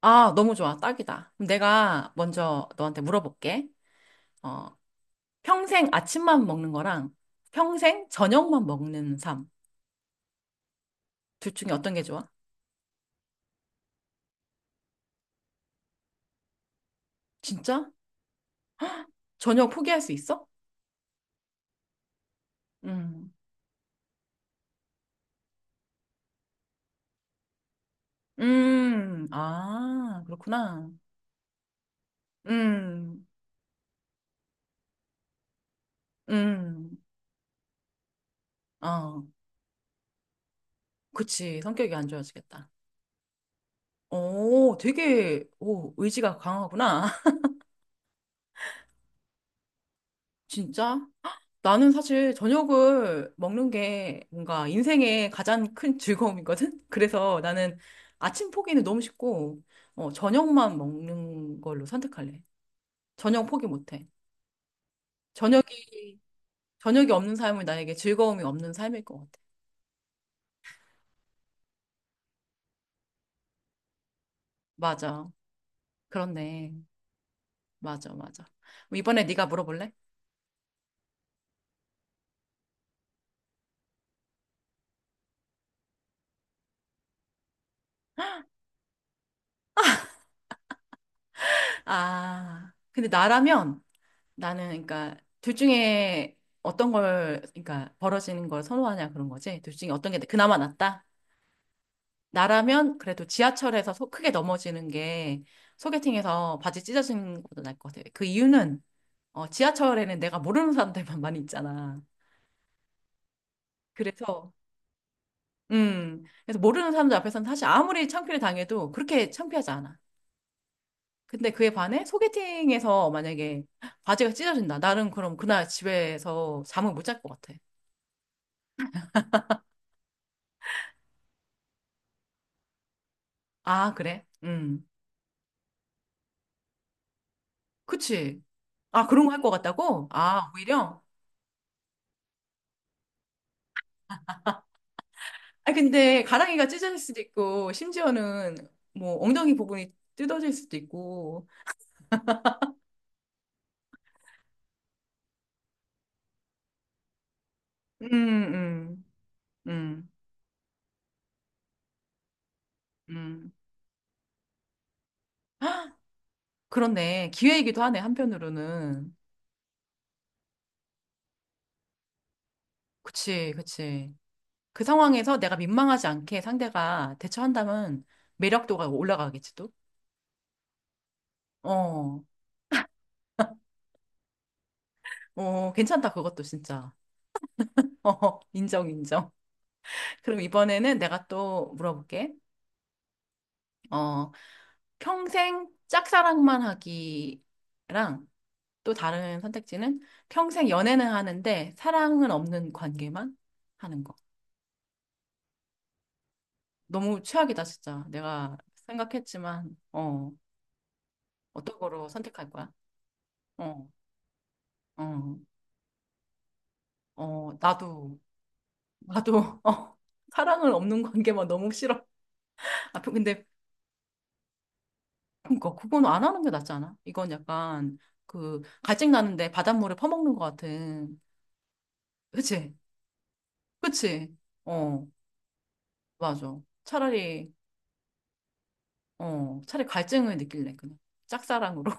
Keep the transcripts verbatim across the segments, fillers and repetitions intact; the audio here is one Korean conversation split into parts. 아, 너무 좋아. 딱이다. 그럼 내가 먼저 너한테 물어볼게. 어, 평생 아침만 먹는 거랑 평생 저녁만 먹는 삶. 둘 중에 어떤 게 좋아? 진짜? 저녁 포기할 수 있어? 음. 음. 아, 그렇구나. 음. 음. 어. 그치. 성격이 안 좋아지겠다. 오, 되게, 오, 의지가 강하구나. 진짜? 나는 사실 저녁을 먹는 게 뭔가 인생의 가장 큰 즐거움이거든? 그래서 나는 아침 포기는 너무 쉽고, 어, 저녁만 먹는 걸로 선택할래. 저녁 포기 못해. 저녁이, 저녁이 없는 삶은 나에게 즐거움이 없는 삶일 것 같아. 맞아. 그렇네. 맞아, 맞아. 그럼 이번에 네가 물어볼래? 아, 근데 나라면 나는 그러니까 둘 중에 어떤 걸, 그러니까 벌어지는 걸 선호하냐 그런 거지. 둘 중에 어떤 게 그나마 낫다? 나라면 그래도 지하철에서 소- 크게 넘어지는 게 소개팅에서 바지 찢어지는 것보다 나을 것 같아요. 그 이유는 어, 지하철에는 내가 모르는 사람들만 많이 있잖아. 그래서 음 그래서 모르는 사람들 앞에서는 사실 아무리 창피를 당해도 그렇게 창피하지 않아. 근데 그에 반해 소개팅에서 만약에 바지가 찢어진다. 나는 그럼 그날 집에서 잠을 못 잘 것 같아. 아, 그래? 음. 그치. 아, 그런 거 할 것 같다고? 아, 오히려? 아 근데 가랑이가 찢어질 수도 있고 심지어는 뭐 엉덩이 부분이 뜯어질 수도 있고 음, 음, 음, 음. 헉, 그렇네. 기회이기도 하네, 한편으로는. 그치, 그치. 그 상황에서 내가 민망하지 않게 상대가 대처한다면 매력도가 올라가겠지, 또? 어, 어, 괜찮다, 그것도 진짜. 어, 인정, 인정. 그럼 이번에는 내가 또 물어볼게. 어, 평생 짝사랑만 하기랑 또 다른 선택지는 평생 연애는 하는데 사랑은 없는 관계만 하는 거. 너무 최악이다, 진짜. 내가 생각했지만, 어, 어떤 거로 선택할 거야? 어, 어, 어, 나도, 나도, 어, 사랑은 없는 관계만 너무 싫어. 아, 그, 근데, 그니까, 그건 안 하는 게 낫지 않아? 이건 약간, 그, 갈증 나는데 바닷물에 퍼먹는 것 같은. 그치? 그치? 어, 맞아. 차라리, 어, 차라리 갈증을 느낄래, 그냥. 짝사랑으로.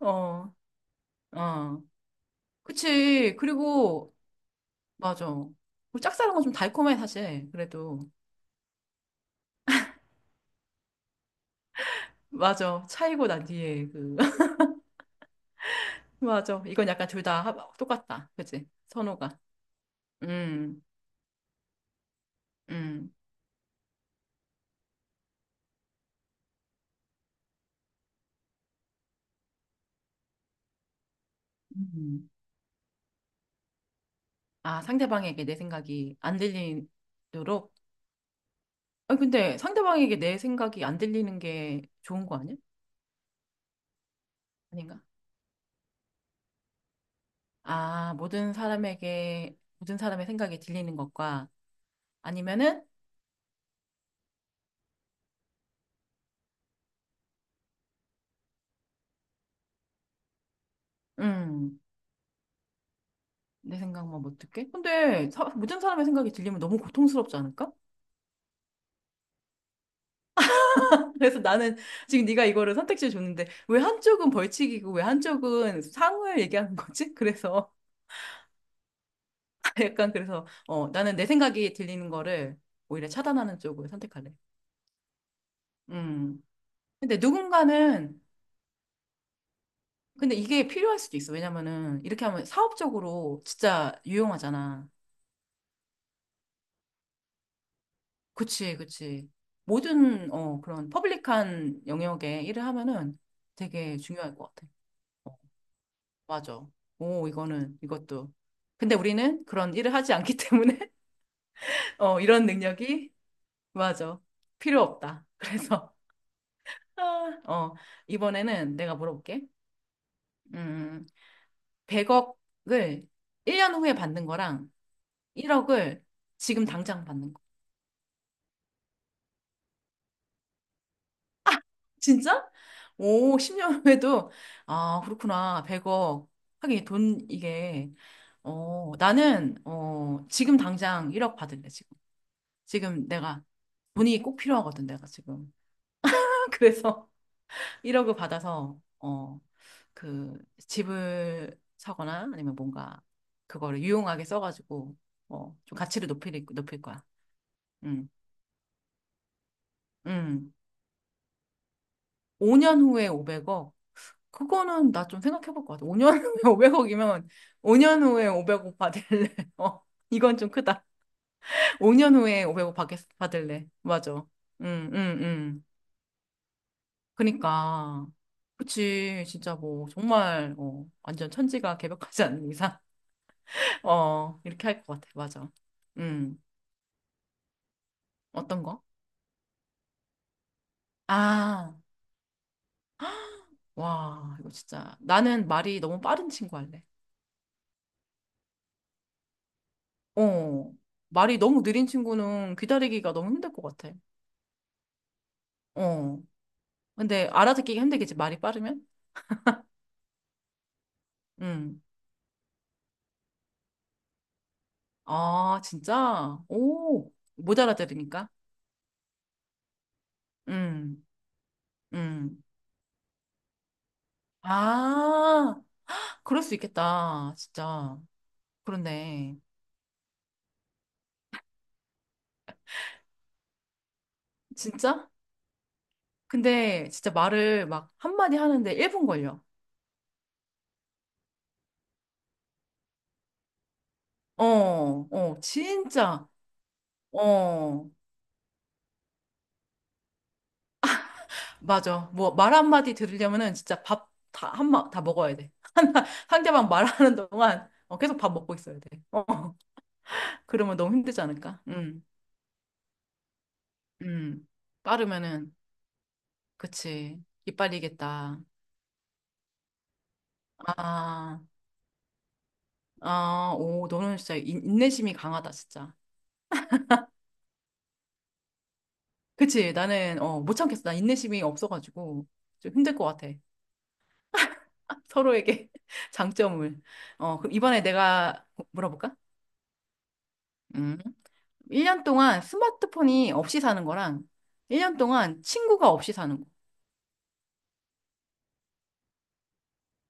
어, 어. 그치. 그리고, 맞아. 우리 짝사랑은 좀 달콤해, 사실. 그래도. 맞아. 차이고 난 뒤에 그. 맞아. 이건 약간 둘 다 똑같다. 그치? 선호가. 음, 음, 음. 아, 상대방에게 내 생각이 안 들리도록? 아니, 근데 상대방에게 내 생각이 안 들리는 게 좋은 거 아니야? 아닌가? 아, 모든 사람에게, 모든 사람의 생각이 들리는 것과 아니면은, 음, 내 생각만 못 듣게? 근데 사, 모든 사람의 생각이 들리면 너무 고통스럽지 않을까? 그래서 나는 지금 네가 이거를 선택지를 줬는데 왜 한쪽은 벌칙이고 왜 한쪽은 상을 얘기하는 거지? 그래서 약간 그래서 어 나는 내 생각이 들리는 거를 오히려 차단하는 쪽을 선택할래. 음. 근데 누군가는 근데 이게 필요할 수도 있어. 왜냐면은 이렇게 하면 사업적으로 진짜 유용하잖아. 그치, 그치. 모든 어 그런 퍼블릭한 영역에 일을 하면은 되게 중요할 것 같아. 맞아. 오, 이거는, 이것도. 근데 우리는 그런 일을 하지 않기 때문에, 어, 이런 능력이, 맞아. 필요 없다. 그래서, 아, 어, 이번에는 내가 물어볼게. 음, 백억을 일 년 후에 받는 거랑 일억을 지금 당장 받는 거. 진짜? 오, 십 년 후에도, 아, 그렇구나. 백억. 하긴 돈, 이게, 어, 나는, 어, 지금 당장 일억 받을래, 지금. 지금 내가 돈이 꼭 필요하거든, 내가 지금. 그래서 일억을 받아서, 어, 그 집을 사거나 아니면 뭔가 그거를 유용하게 써가지고, 어, 좀 가치를 높일, 높일 거야. 응, 응. 오 년 후에 오백억? 그거는 나 좀 생각해 볼 것 같아. 오 년 후에 오백억이면 오 년 후에 오백억 받을래. 어, 이건 좀 크다. 오 년 후에 오백억 받겠, 받을래. 맞아. 응, 응, 응. 그니까. 그치. 진짜 뭐, 정말, 어, 완전 천지가 개벽하지 않는 이상, 어, 이렇게 할 것 같아. 맞아. 음, 어떤 거? 아, 와, 이거 진짜. 나는 말이 너무 빠른 친구 할래. 어, 말이 너무 느린 친구는 기다리기가 너무 힘들 것 같아. 어, 근데 알아듣기가 힘들겠지. 말이 빠르면? 음, 아, 진짜? 오, 못 알아들으니까? 음, 음. 아, 그럴 수 있겠다. 진짜. 그렇네. 진짜? 근데 진짜 말을 막 한마디 하는데 일 분 걸려. 어, 어, 진짜. 어, 맞아. 뭐 말 한마디 들으려면은 진짜 밥 다, 한마, 다 먹어야 돼. 상대방 말하는 동안 어, 계속 밥 먹고 있어야 돼. 어, 그러면 너무 힘들지 않을까? 음, 음. 빠르면은, 그치. 이빨리겠다. 아, 아, 오, 너는 진짜 인- 인내심이 강하다, 진짜. 그치. 나는, 어, 못 참겠어. 나 인내심이 없어가지고. 좀 힘들 것 같아. 서로에게 장점을. 어, 그럼 이번에 내가 물어볼까? 음. 일 년 동안 스마트폰이 없이 사는 거랑 일 년 동안 친구가 없이 사는 거.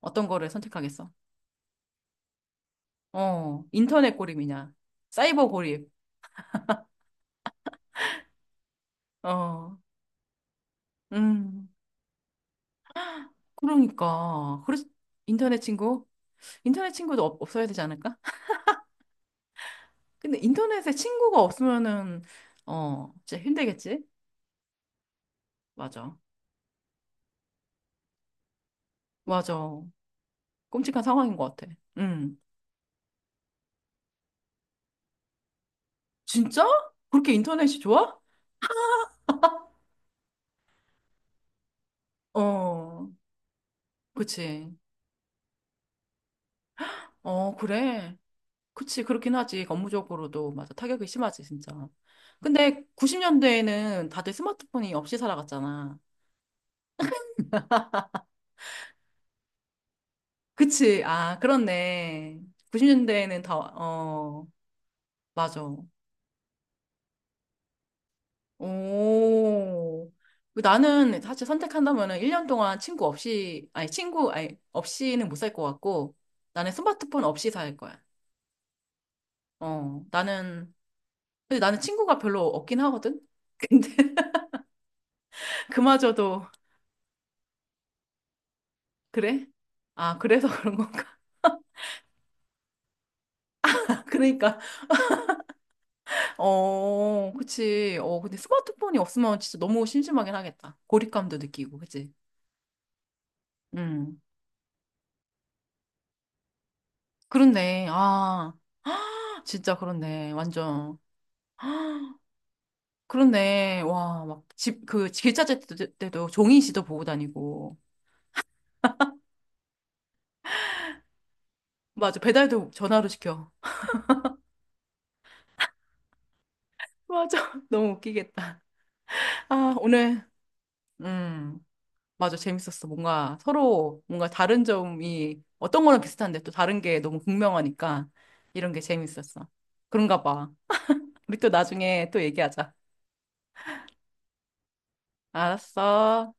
어떤 거를 선택하겠어? 어, 인터넷 고립이냐? 사이버 고립. 어, 음. 그러니까. 그래서 인터넷 친구? 인터넷 친구도 없, 없어야 되지 않을까? 근데 인터넷에 친구가 없으면은, 어, 진짜 힘들겠지? 맞아. 맞아. 끔찍한 상황인 것 같아. 음. 진짜? 그렇게 인터넷이 좋아? 어, 그치. 어, 그래. 그치, 그렇긴 하지. 업무적으로도, 맞아. 타격이 심하지, 진짜. 근데 구십 년대에는 다들 스마트폰이 없이 살아갔잖아. 그치. 아, 그렇네. 구십 년대에는 다, 어, 맞아. 오. 나는 사실 선택한다면은 일 년 동안 친구 없이, 아니, 친구, 아니, 없이는 못 살 것 같고, 나는 스마트폰 없이 살 거야. 어, 나는 근데 나는 친구가 별로 없긴 하거든? 근데 그마저도 그래? 아, 그래서 그런 건가? 그러니까, 어, 그치. 어, 근데 스마트폰이 없으면 진짜 너무 심심하긴 하겠다. 고립감도 느끼고, 그치? 음. 그렇네. 아, 진짜 그렇네. 완전. 그렇네. 와, 막 집, 그, 길찾을 때도 때도 종이 시도 보고 다니고. 맞아. 배달도 전화로 시켜. 맞아. 너무 웃기겠다. 아, 오늘, 음. 맞아, 재밌었어. 뭔가 서로 뭔가 다른 점이 어떤 거랑 비슷한데 또 다른 게 너무 극명하니까 이런 게 재밌었어. 그런가 봐. 우리 또 나중에 또 얘기하자. 알았어.